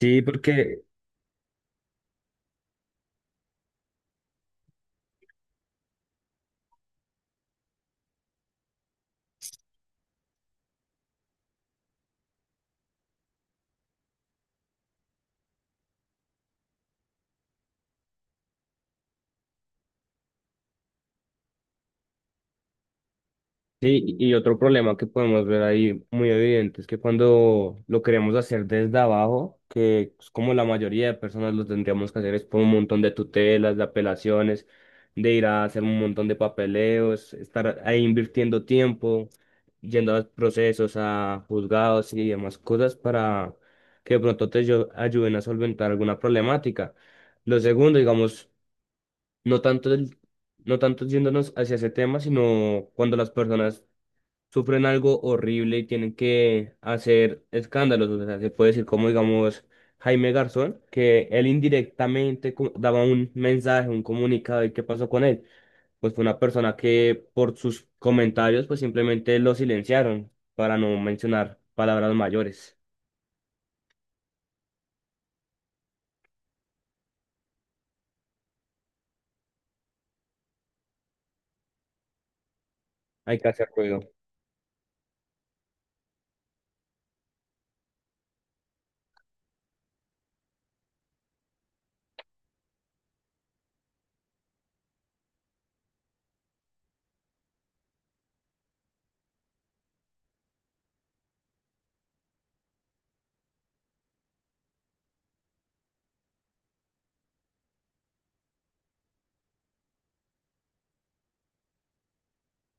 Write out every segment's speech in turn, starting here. Sí, porque, sí, y otro problema que podemos ver ahí muy evidente es que cuando lo queremos hacer desde abajo, que es como la mayoría de personas lo tendríamos que hacer, es por un montón de tutelas, de apelaciones, de ir a hacer un montón de papeleos, estar ahí invirtiendo tiempo, yendo a procesos, a juzgados y demás cosas para que de pronto te ayuden a solventar alguna problemática. Lo segundo, digamos, no tanto del no tanto yéndonos hacia ese tema, sino cuando las personas sufren algo horrible y tienen que hacer escándalos. O sea, se puede decir como, digamos, Jaime Garzón, que él indirectamente daba un mensaje, un comunicado, ¿y qué pasó con él? Pues fue una persona que por sus comentarios, pues simplemente lo silenciaron, para no mencionar palabras mayores. Hay que hacer ruido.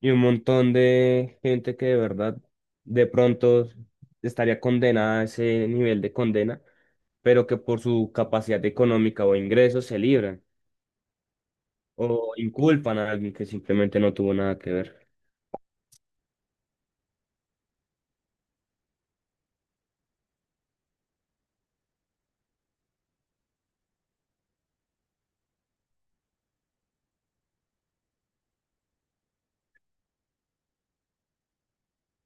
Y un montón de gente que de verdad de pronto estaría condenada a ese nivel de condena, pero que por su capacidad económica o ingresos se libran o inculpan a alguien que simplemente no tuvo nada que ver.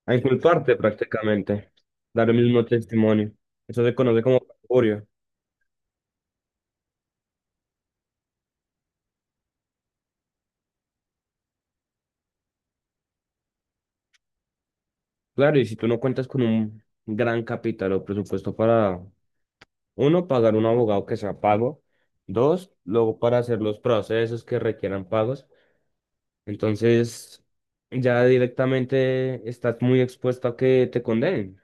A inculparte prácticamente, dar el mismo testimonio. Eso se conoce como perjurio. Claro, y si tú no cuentas con un gran capital o presupuesto para, uno, pagar un abogado que sea pago, dos, luego para hacer los procesos que requieran pagos. Entonces, ya directamente estás muy expuesto a que te condenen.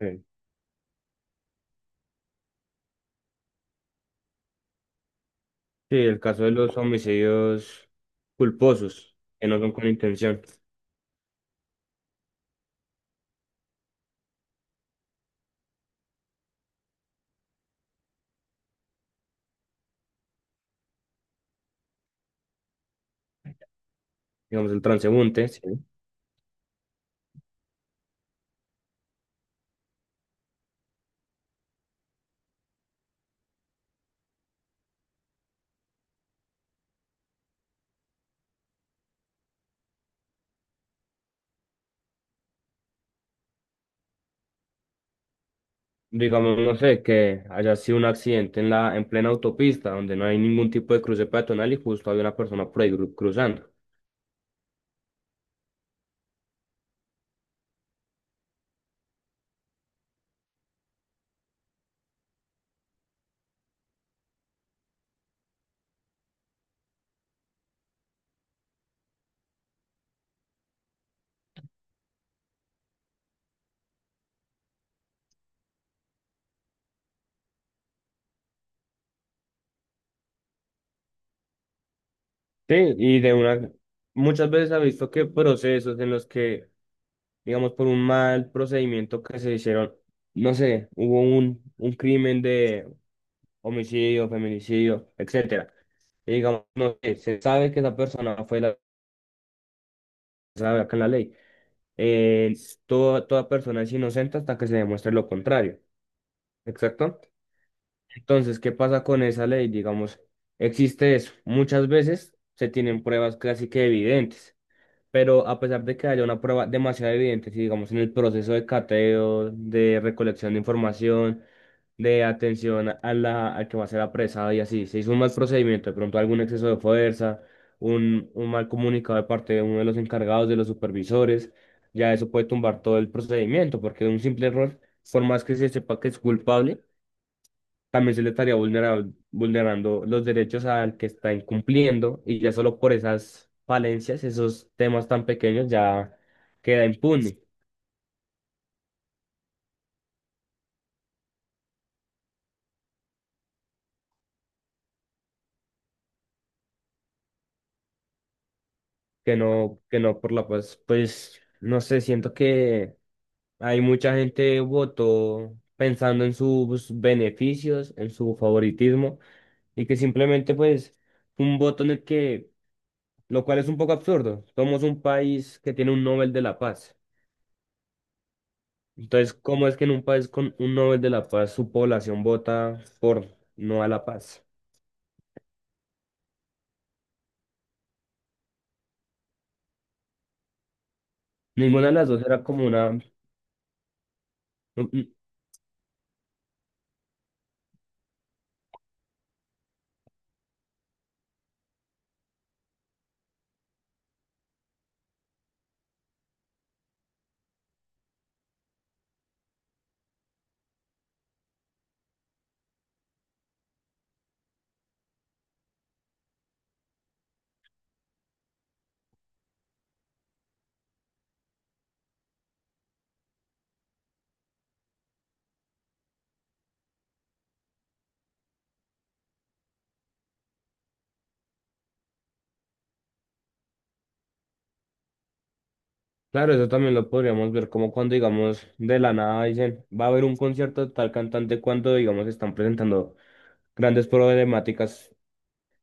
Sí. Sí, el caso de los homicidios culposos, que no son con intención. Digamos, el transeúnte, sí. Digamos, no sé, que haya sido un accidente en la, en plena autopista, donde no hay ningún tipo de cruce peatonal y justo hay una persona por ahí cruzando. Sí, y de una, muchas veces ha visto que procesos en los que, digamos, por un mal procedimiento que se hicieron, no sé, hubo un crimen de homicidio, feminicidio, etcétera. Y digamos, no sé, se sabe que esa persona fue la, se sabe acá en la ley. Eh, toda persona es inocente hasta que se demuestre lo contrario. Exacto. Entonces, ¿qué pasa con esa ley? Digamos, existe eso. Muchas veces se tienen pruebas casi que evidentes. Pero a pesar de que haya una prueba demasiado evidente, si digamos en el proceso de cateo, de recolección de información, de atención a la, al que va a ser apresado y así, se hizo un mal procedimiento, de pronto algún exceso de fuerza, un mal comunicado de parte de uno de los encargados, de los supervisores, ya eso puede tumbar todo el procedimiento, porque un simple error, por más que se sepa que es culpable, también se le estaría vulnerando los derechos al que está incumpliendo y ya solo por esas falencias, esos temas tan pequeños ya queda impune. Que no, que no por la paz, pues no sé, siento que hay mucha gente votó pensando en sus beneficios, en su favoritismo y que simplemente pues un voto en el que, lo cual es un poco absurdo, somos un país que tiene un Nobel de la Paz. Entonces, ¿cómo es que en un país con un Nobel de la Paz su población vota por no a la paz? Ninguna de las dos era como una... No. Claro, eso también lo podríamos ver como cuando, digamos, de la nada dicen, va a haber un concierto de tal cantante cuando, digamos, están presentando grandes problemáticas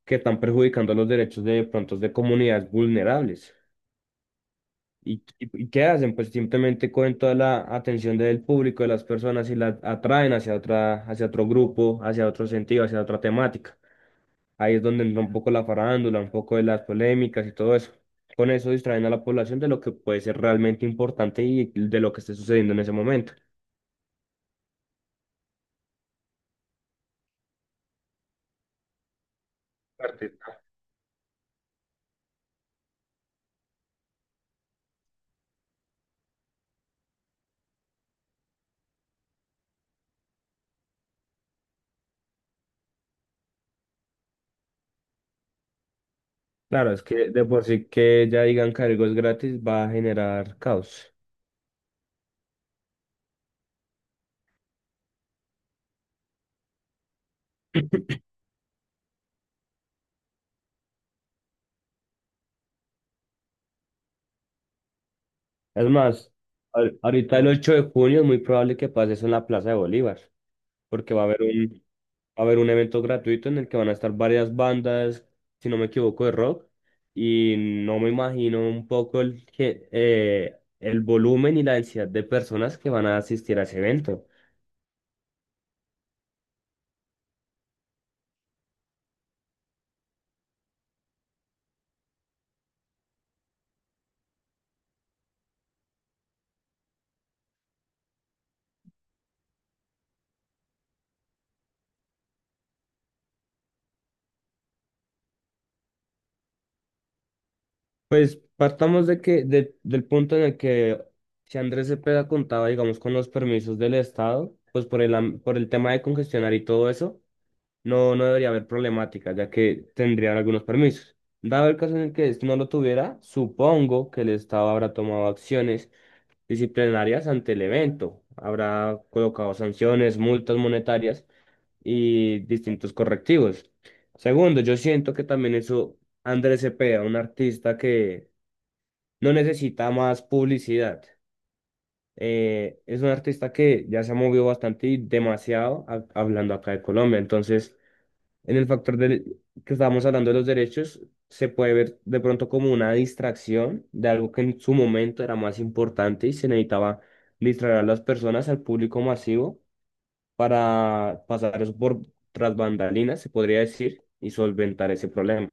que están perjudicando los derechos de pronto de comunidades vulnerables. ¿Y qué hacen? Pues simplemente cogen toda la atención del público, de las personas y la atraen hacia otra, hacia otro grupo, hacia otro sentido, hacia otra temática. Ahí es donde entra un poco la farándula, un poco de las polémicas y todo eso. Con eso distraen a la población de lo que puede ser realmente importante y de lo que esté sucediendo en ese momento. Artista. Claro, es que de por sí que ya digan que algo es gratis va a generar caos. Es más, ahorita el 8 de junio es muy probable que pase eso en la Plaza de Bolívar, porque va a haber un evento gratuito en el que van a estar varias bandas, si no me equivoco, de rock. Y no me imagino un poco el, que, el volumen y la densidad de personas que van a asistir a ese evento. Pues partamos de que, del punto en el que si Andrés Cepeda contaba, digamos, con los permisos del Estado, pues por el, por el tema de congestionar y todo eso, no, no debería haber problemática, ya que tendrían algunos permisos. Dado el caso en el que este no lo tuviera, supongo que el Estado habrá tomado acciones disciplinarias ante el evento. Habrá colocado sanciones, multas monetarias y distintos correctivos. Segundo, yo siento que también eso Andrés Cepeda, un artista que no necesita más publicidad. Es un artista que ya se ha movido bastante y demasiado hablando acá de Colombia. Entonces, en el factor del, que estábamos hablando de los derechos, se puede ver de pronto como una distracción de algo que en su momento era más importante y se necesitaba distraer a las personas, al público masivo, para pasar eso por tras bambalinas, se podría decir, y solventar ese problema.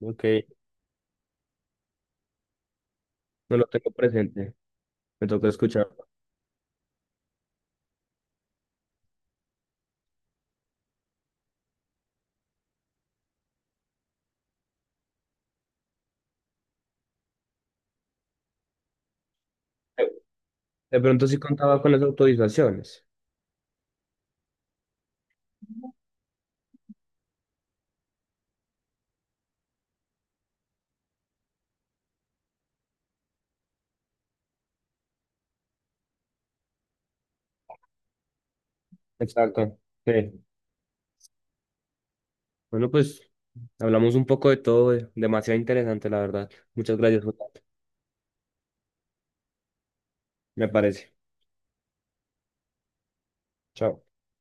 Ok. No lo tengo presente, me toca escuchar. De pronto sí contaba con las autorizaciones. Exacto. Sí. Bueno, pues hablamos un poco de todo, demasiado interesante, la verdad. Muchas gracias, Jota, me parece. Chao.